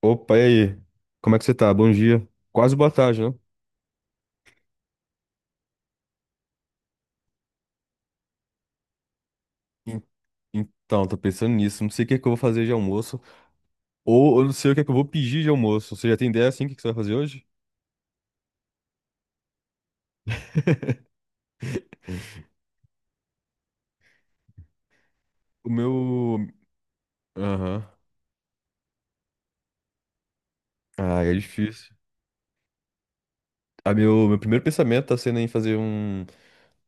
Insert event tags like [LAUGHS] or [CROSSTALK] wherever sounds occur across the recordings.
Opa, e aí? Como é que você tá? Bom dia. Quase boa tarde, né? En- Então, tô pensando nisso. Não sei o que é que eu vou fazer de almoço. Ou eu não sei o que é que eu vou pedir de almoço. Você já tem ideia, assim, o que que você vai fazer hoje? O meu... Aham. Ah, é difícil. Ah, meu primeiro pensamento tá sendo em fazer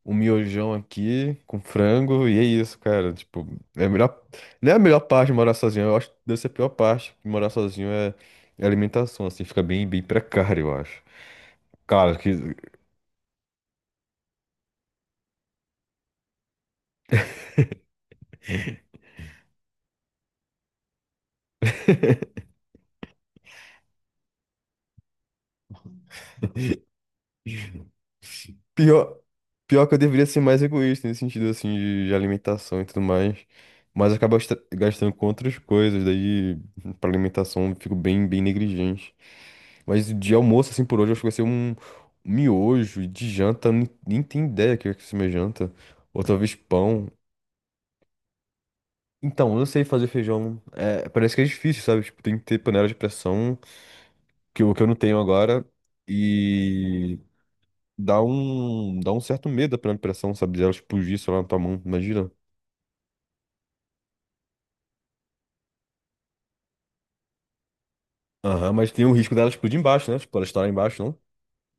um miojão aqui com frango. E é isso, cara. Tipo, é a melhor... Não é a melhor parte de morar sozinho. Eu acho que deve ser a pior parte. Morar sozinho é alimentação, assim. Fica bem precário, eu acho. Cara, que Pior, pior que eu deveria ser mais egoísta nesse sentido, assim, de alimentação e tudo mais. Mas eu acabo gastando com outras coisas, daí pra alimentação eu fico bem negligente. Mas de almoço, assim, por hoje, eu acho que vai ser um miojo. E de janta, eu nem tenho ideia o que vai ser minha janta. Ou talvez pão. Então, eu não sei fazer feijão. É, parece que é difícil, sabe? Tipo, tem que ter panela de pressão, que, o que eu não tenho agora. Dá um certo medo pela impressão, sabe? De ela explodir, sei lá, na tua mão, imagina. Aham, mas tem o risco dela explodir embaixo, né? Tipo, ela estourar embaixo, não?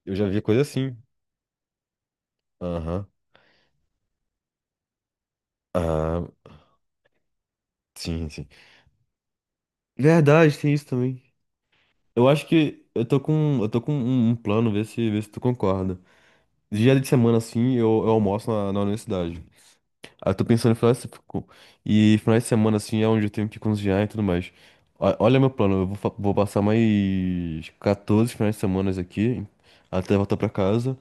Eu já vi coisa assim. Aham. Ah, sim. Verdade, tem isso também. Eu acho que eu tô com um plano, ver se tu concorda. Dia de semana, assim, eu almoço na universidade. Ah, eu tô pensando em final de, se- co- e final de semana, assim, é onde eu tenho que cozinhar e tudo mais. Olha meu plano, vou passar mais 14 finais de semana aqui, até voltar pra casa.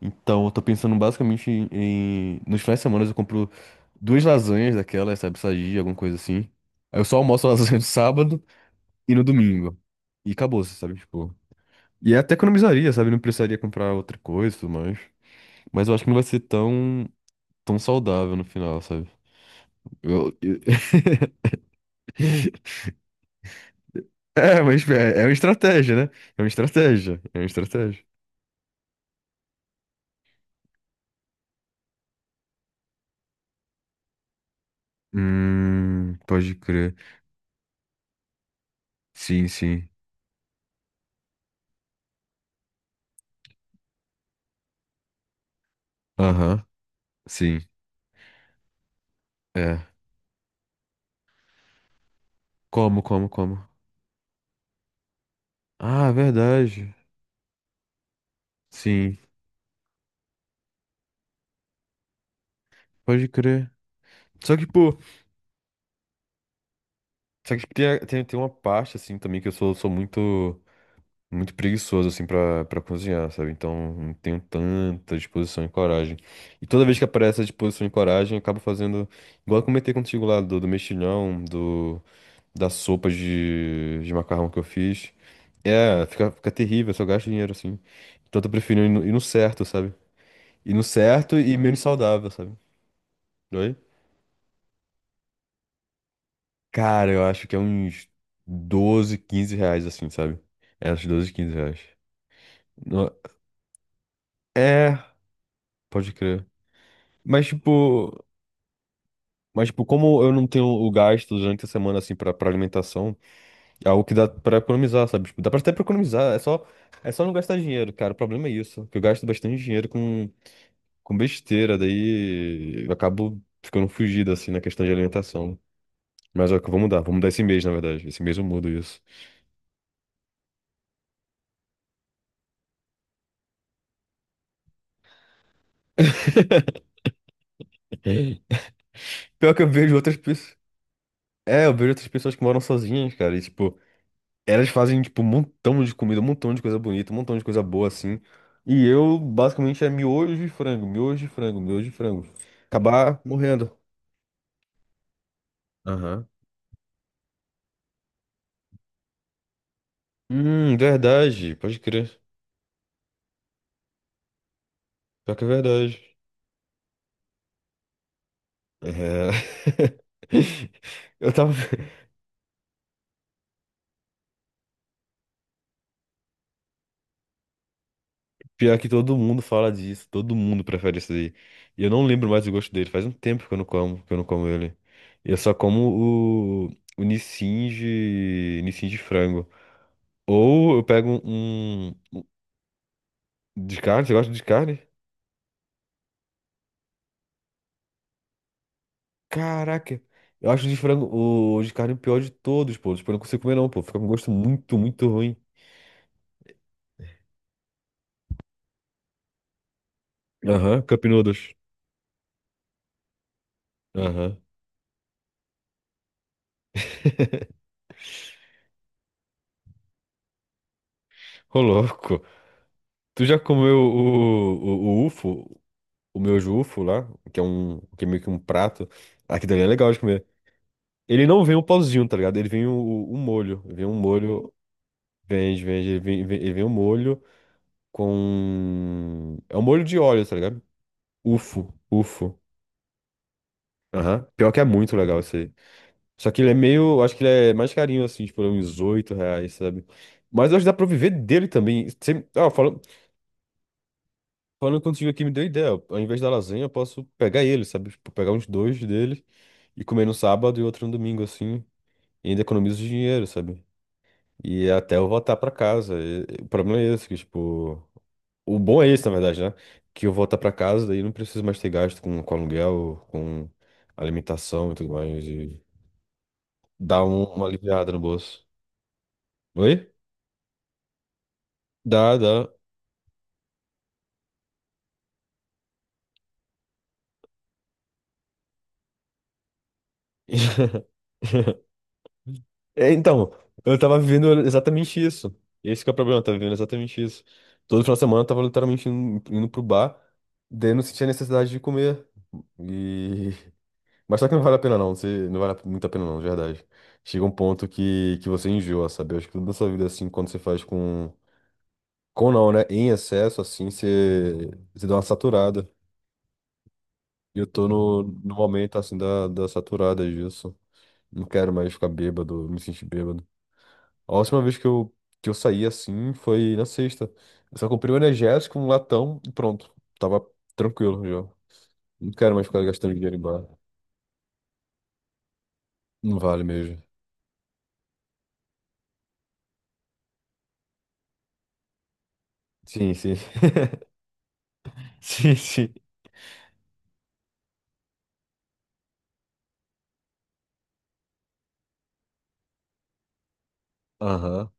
Então, eu tô pensando basicamente em... Nos finais de semana eu compro duas lasanhas daquelas, sabe, sadia, alguma coisa assim. Aí eu só almoço a [LAUGHS] lasanha no sábado e no domingo. E acabou, sabe, tipo... E até economizaria, sabe, não precisaria comprar outra coisa e tudo mais. Mas eu acho que não vai ser tão saudável no final, sabe? Eu, [LAUGHS] é, mas é, é uma estratégia, né? É uma estratégia. É uma estratégia. Pode crer. Sim, sim. Aham, sim. É. Como, como, como? Ah, é verdade. Sim, pode crer. Só que, pô, só que tem uma parte, assim, também que eu sou muito, muito preguiçoso, assim, pra cozinhar, sabe? Então, não tenho tanta disposição e coragem. E toda vez que aparece a disposição e coragem, eu acabo fazendo, igual eu comentei contigo lá, do mexilhão, do. Da sopa de macarrão que eu fiz. É, fica terrível, só gasto dinheiro assim. Então eu tô preferindo ir no certo, sabe? Ir no certo e menos saudável, sabe? Oi? Cara, eu acho que é uns 12 15 reais assim, sabe? É, uns 12, 15 reais. No- É, pode crer. Mas tipo, mas tipo, como eu não tenho o gasto durante a semana assim pra alimentação, é algo que dá pra economizar, sabe? Tipo, dá pra até pra economizar, é só não gastar dinheiro, cara. O problema é isso, que eu gasto bastante dinheiro com besteira, daí eu acabo ficando fugido, assim, na questão de alimentação. Mas ó, que eu vou mudar esse mês, na verdade. Esse mês eu mudo isso. [LAUGHS] Pior que eu vejo outras pessoas. É, eu vejo outras pessoas que moram sozinhas, cara. E, tipo, elas fazem, tipo, um montão de comida, um montão de coisa bonita, um montão de coisa boa, assim. E eu, basicamente, é miojo de frango, miojo de frango, miojo de frango. Acabar morrendo. Aham. Verdade. Pode crer. Pior que é verdade. É. [LAUGHS] Eu tava. Pior que todo mundo fala disso, todo mundo prefere isso aí. E eu não lembro mais o gosto dele, faz um tempo que eu não como, que eu não como ele. Eu só como o Nissin Nissin de frango. Ou eu pego um de carne, você gosta de carne? Caraca, eu acho o de frango, o de carne o pior de todos, pô. Tipo, eu não consigo comer não, pô, fica com gosto muito, muito ruim. Aham, Cup Noodles. Aham. Ô, louco. Tu já comeu o UFO? O meu jufo lá, que é que é meio que um prato, aqui dali é legal de comer. Ele não vem um pauzinho, tá ligado? Ele vem o molho, vem um molho, vende, ele vem um molho com é um molho de óleo, tá ligado? Ufo, ufo. Aham. Pior que é muito legal isso aí. Só que ele é meio, acho que ele é mais carinho assim, tipo uns 8 reais, sabe? Mas eu acho que dá pra viver dele também. Você, ah, falando contigo aqui me deu ideia. Ao invés da lasanha, eu posso pegar ele, sabe? Tipo, pegar uns dois deles e comer no sábado e outro no domingo, assim. E ainda economizo dinheiro, sabe? E até eu voltar pra casa. E o problema é esse, que, tipo. O bom é esse, na verdade, né? Que eu voltar pra casa, daí não preciso mais ter gasto com aluguel, com alimentação e tudo mais. E dá uma aliviada no bolso. Oi? Dá, dá. [LAUGHS] É, então, eu tava vivendo exatamente isso. Esse que é o problema, eu tava vivendo exatamente isso. Todo final de semana eu tava literalmente indo pro bar, daí eu não sentia necessidade de comer. E... [LAUGHS] mas só que não vale a pena não, você, não vale muito a pena não, de verdade. Chega um ponto que você enjoa, sabe? Eu acho que tudo na sua vida, assim, quando você faz com... Com não, né? Em excesso, assim, você dá uma saturada. E eu tô no momento, assim, da saturada disso. Não quero mais ficar bêbado, me sentir bêbado. A última vez que eu saí assim foi na sexta. Eu só comprei um energético, um latão e pronto. Tava tranquilo já. Não quero mais ficar gastando dinheiro em bar. Não vale mesmo. Sim, sim. [LAUGHS] Sim, sim. Aham.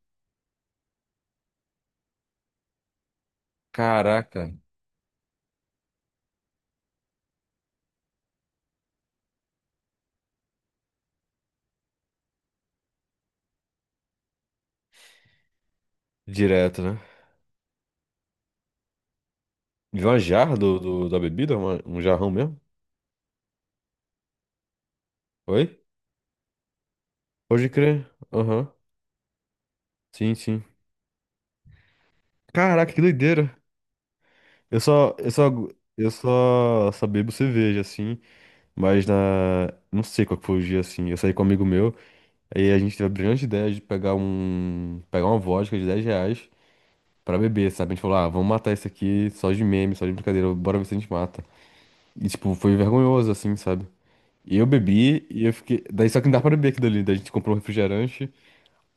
Caraca, direto, né? De uma jarra da bebida? Um jarrão mesmo? Oi? Pode crer. Aham. Sim, sim. Caraca, que doideira. Eu só, eu só, só bebo cerveja, assim. Mas na. Não sei qual que foi o dia, assim. Eu saí com um amigo meu. Aí a gente teve a brilhante ideia de pegar uma vodka de 10 reais pra beber, sabe? A gente falou, ah, vamos matar isso aqui só de meme, só de brincadeira, bora ver se a gente mata. E, tipo, foi vergonhoso, assim, sabe? E eu bebi e eu fiquei. Daí só que não dá pra beber aquilo ali. Daí a gente comprou um refrigerante.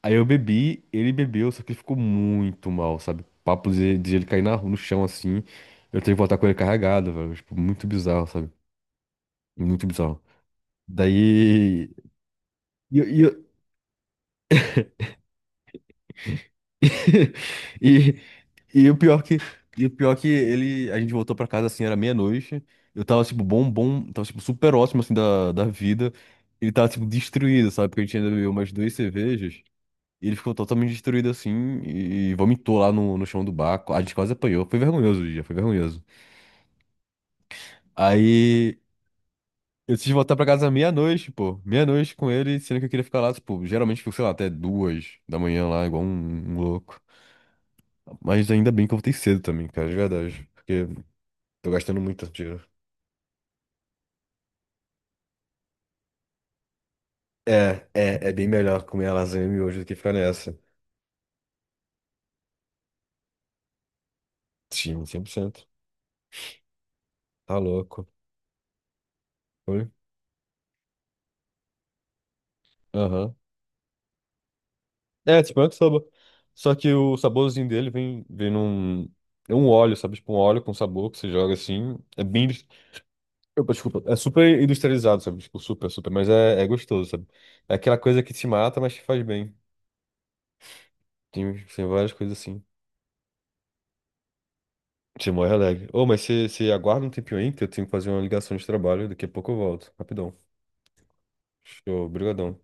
Aí eu bebi, ele bebeu, só que ele ficou muito mal, sabe? Papo de ele cair no chão assim. Eu tenho que voltar com ele carregado, velho. Tipo, muito bizarro, sabe? Muito bizarro. Daí. E, eu- e eu- [LAUGHS] E, e o pior que, e o pior que ele, a gente voltou pra casa assim, era meia-noite. Eu tava tipo bom, tava tipo super ótimo assim da vida. Ele tava tipo destruído, sabe? Porque a gente ainda bebeu umas duas cervejas. E ele ficou totalmente destruído assim e vomitou lá no chão do bar. A gente quase apanhou. Foi vergonhoso o dia, foi vergonhoso. Aí eu decidi voltar pra casa meia-noite, pô. Meia-noite com ele, sendo que eu queria ficar lá, tipo, geralmente fico, sei lá, até duas da manhã lá, igual um louco. Mas ainda bem que eu voltei cedo também, cara, de verdade. Porque tô gastando muito dinheiro. É bem melhor comer a lasanha e miojo do que ficar nessa. Sim, 100%. Tá louco. Oi? Aham. É, tipo, é que soba. Só que o saborzinho dele vem, vem num. É um óleo, sabe? Tipo, um óleo com sabor que você joga assim. É bem. Opa, desculpa. É super industrializado, sabe? Tipo, super, super. Mas é, é gostoso, sabe? É aquela coisa que te mata, mas te faz bem. Tem, tem várias coisas assim. Você morre alegre. Ô, mas você aguarda um tempinho aí que eu tenho que fazer uma ligação de trabalho. Daqui a pouco eu volto. Rapidão. Show, brigadão.